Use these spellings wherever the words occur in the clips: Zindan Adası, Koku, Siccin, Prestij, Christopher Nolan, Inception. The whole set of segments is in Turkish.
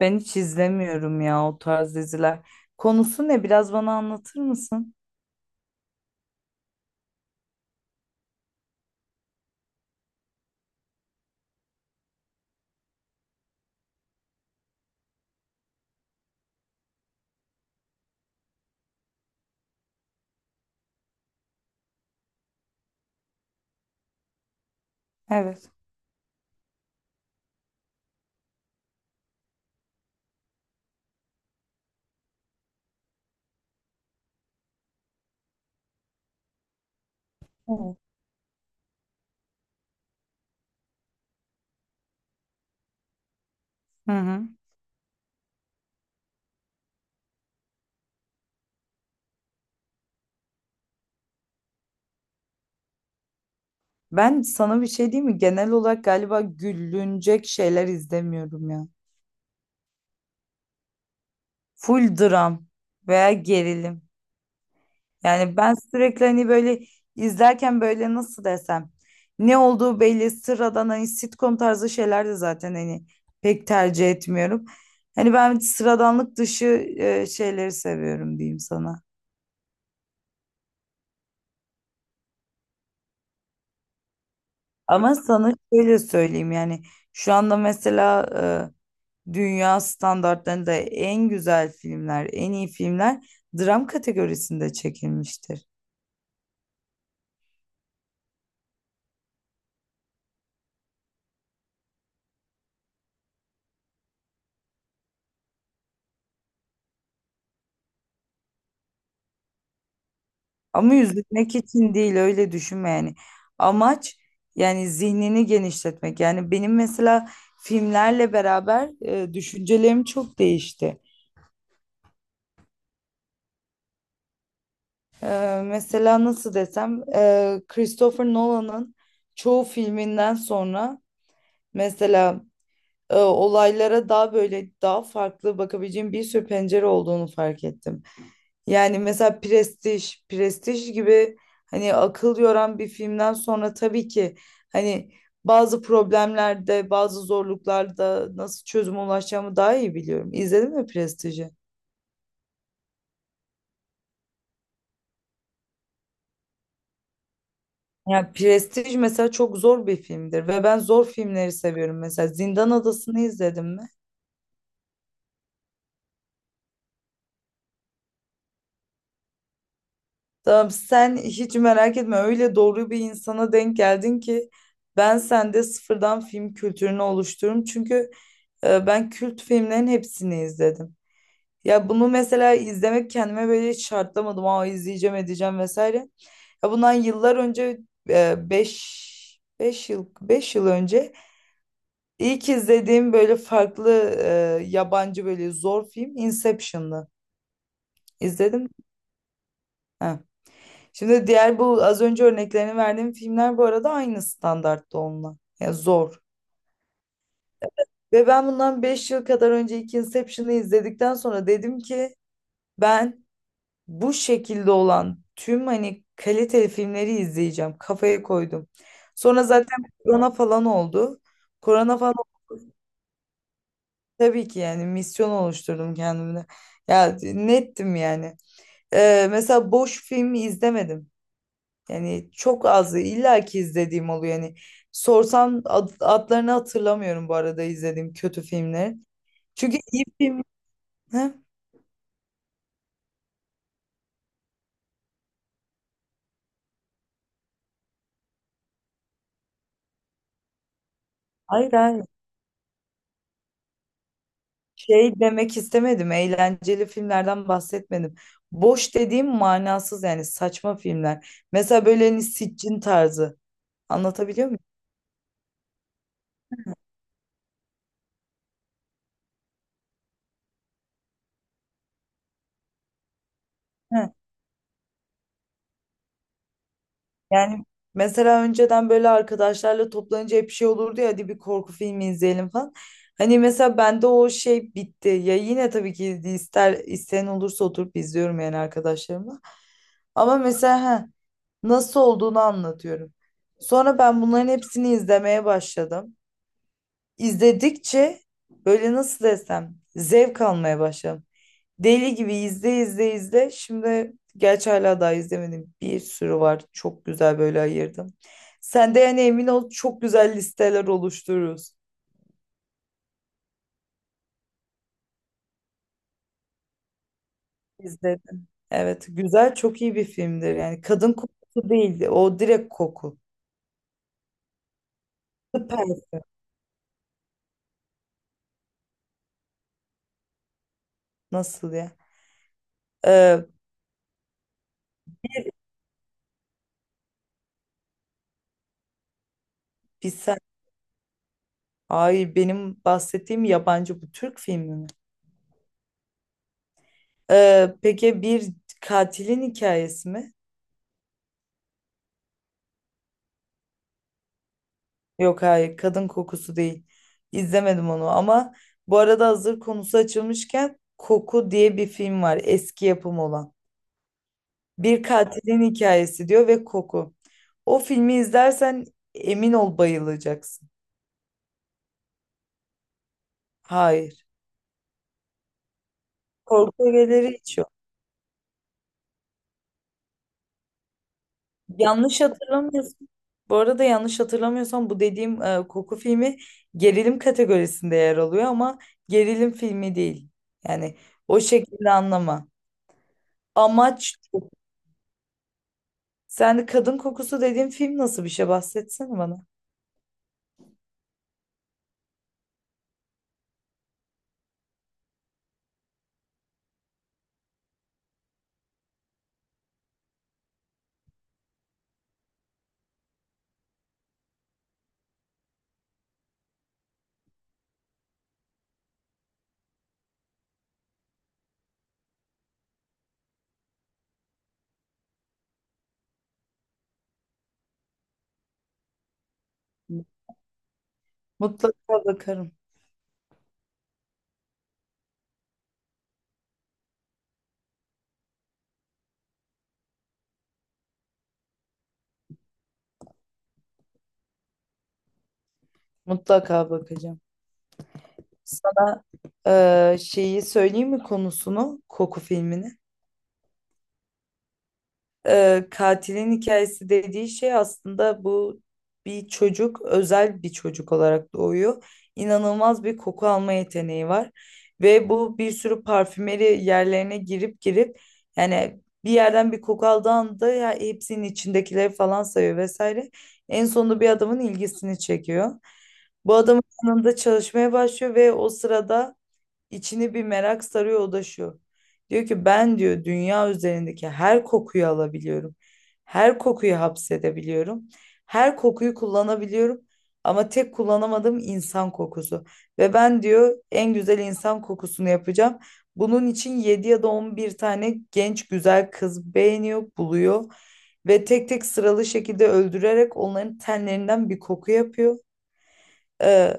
Ben hiç izlemiyorum ya o tarz diziler. Konusu ne? Biraz bana anlatır mısın? Evet. Evet. Hı hı. Ben sana bir şey diyeyim mi? Genel olarak galiba gülünecek şeyler izlemiyorum ya. Full dram veya gerilim. Yani ben sürekli hani böyle izlerken böyle nasıl desem ne olduğu belli sıradan hani sitcom tarzı şeyler de zaten hani pek tercih etmiyorum. Hani ben sıradanlık dışı şeyleri seviyorum diyeyim sana. Ama sana şöyle söyleyeyim yani şu anda mesela dünya standartlarında en güzel filmler, en iyi filmler dram kategorisinde çekilmiştir. Ama üzülmek için değil öyle düşünme yani. Amaç yani zihnini genişletmek. Yani benim mesela filmlerle beraber düşüncelerim çok değişti. Mesela nasıl desem Christopher Nolan'ın çoğu filminden sonra mesela olaylara daha böyle daha farklı bakabileceğim bir sürü pencere olduğunu fark ettim. Yani mesela Prestij, Prestij gibi hani akıl yoran bir filmden sonra tabii ki hani bazı problemlerde, bazı zorluklarda nasıl çözüme ulaşacağımı daha iyi biliyorum. İzledin mi Prestij'i? Ya Prestij mesela çok zor bir filmdir ve ben zor filmleri seviyorum. Mesela Zindan Adası'nı izledin mi? Tamam, sen hiç merak etme, öyle doğru bir insana denk geldin ki ben sende sıfırdan film kültürünü oluştururum. Çünkü ben kült filmlerin hepsini izledim. Ya bunu mesela izlemek kendime böyle hiç şartlamadım. Aa, izleyeceğim edeceğim vesaire. Ya bundan yıllar önce e, 5 5 yıl önce ilk izlediğim böyle farklı yabancı böyle zor film Inception'dı. İzledim. Ha. Şimdi diğer bu az önce örneklerini verdiğim filmler bu arada aynı standartta onunla. Ya zor. Ve ben bundan 5 yıl kadar önce ilk Inception'ı izledikten sonra dedim ki ben bu şekilde olan tüm hani kaliteli filmleri izleyeceğim. Kafaya koydum. Sonra zaten korona falan oldu. Korona falan oldu. Tabii ki yani misyon oluşturdum kendimde. Ya nettim yani. Mesela boş film izlemedim. Yani çok az illa ki izlediğim oluyor. Yani sorsam adlarını hatırlamıyorum bu arada izlediğim kötü filmleri. Çünkü iyi film... Heh. Hayır, hayır. Şey demek istemedim. Eğlenceli filmlerden bahsetmedim. Boş dediğim manasız yani saçma filmler. Mesela böyle hani Siccin tarzı. Anlatabiliyor muyum? Heh. Yani mesela önceden böyle arkadaşlarla toplanınca hep şey olurdu ya, hadi bir korku filmi izleyelim falan. Hani mesela bende o şey bitti. Ya yine tabii ki ister isteyen olursa oturup izliyorum yani arkadaşlarımla. Ama mesela heh, nasıl olduğunu anlatıyorum. Sonra ben bunların hepsini izlemeye başladım. İzledikçe böyle nasıl desem zevk almaya başladım. Deli gibi izle izle izle. Şimdi gerçi hala daha izlemedim. Bir sürü var. Çok güzel böyle ayırdım. Sen de yani emin ol, çok güzel listeler oluştururuz. İzledim. Evet, güzel, çok iyi bir filmdir. Yani kadın kokusu değildi. O direkt koku. Süper. Nasıl ya? Ee, bir sen. Hayır, benim bahsettiğim yabancı, bu Türk filmi mi? Peki bir katilin hikayesi mi? Yok hayır, kadın kokusu değil. İzlemedim onu ama bu arada hazır konusu açılmışken Koku diye bir film var, eski yapım olan. Bir katilin hikayesi diyor ve Koku. O filmi izlersen emin ol bayılacaksın. Hayır. Korku ögeleri hiç yok. Yanlış hatırlamıyorsun. Bu arada yanlış hatırlamıyorsam bu dediğim Koku filmi gerilim kategorisinde yer alıyor ama gerilim filmi değil. Yani o şekilde anlama. Amaç. Sen kadın kokusu dediğin film nasıl bir şey, bahsetsene bana. Mutlaka bakarım. Mutlaka bakacağım. Sana şeyi söyleyeyim mi konusunu? Koku filmini. Katilin hikayesi dediği şey aslında bu, bir çocuk özel bir çocuk olarak doğuyor. İnanılmaz bir koku alma yeteneği var ve bu bir sürü parfümeri yerlerine girip girip yani bir yerden bir koku aldığı anda ya, hepsinin içindekileri falan sayıyor vesaire. En sonunda bir adamın ilgisini çekiyor. Bu adamın yanında çalışmaya başlıyor ve o sırada İçini bir merak sarıyor, o da şu. Diyor ki ben diyor dünya üzerindeki her kokuyu alabiliyorum. Her kokuyu hapsedebiliyorum. Her kokuyu kullanabiliyorum. Ama tek kullanamadığım insan kokusu. Ve ben diyor en güzel insan kokusunu yapacağım. Bunun için 7 ya da 11 tane genç güzel kız beğeniyor, buluyor. Ve tek tek sıralı şekilde öldürerek onların tenlerinden bir koku yapıyor. Ee,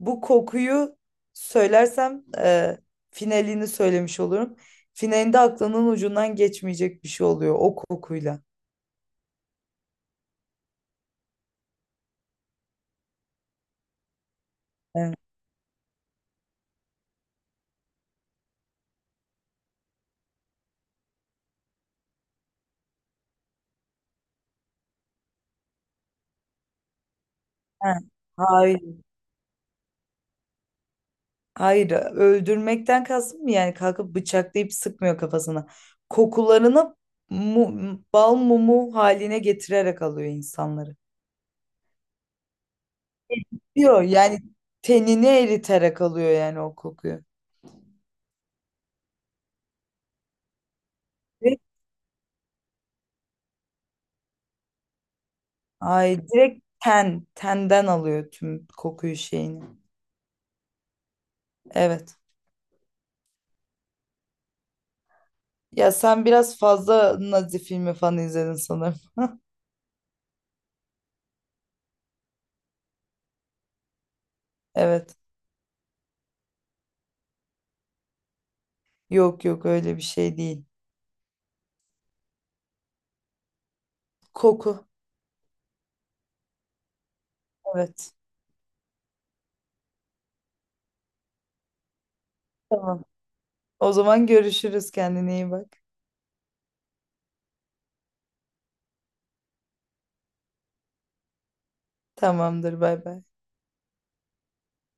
Bu kokuyu söylersem finalini söylemiş olurum. Finalinde aklının ucundan geçmeyecek bir şey oluyor o kokuyla. Evet. Ha, hayır, hayır. Öldürmekten kastım mı yani, kalkıp bıçaklayıp sıkmıyor kafasına. Kokularını bal mumu haline getirerek alıyor insanları. Yok yani tenini eriterek alıyor yani o kokuyu. Direkt- Ay direkt tenden alıyor tüm kokuyu şeyini. Evet. Ya sen biraz fazla Nazi filmi falan izledin sanırım. Evet. Yok yok, öyle bir şey değil. Koku. Evet. Tamam. O zaman görüşürüz. Kendine iyi bak. Tamamdır. Bay bay.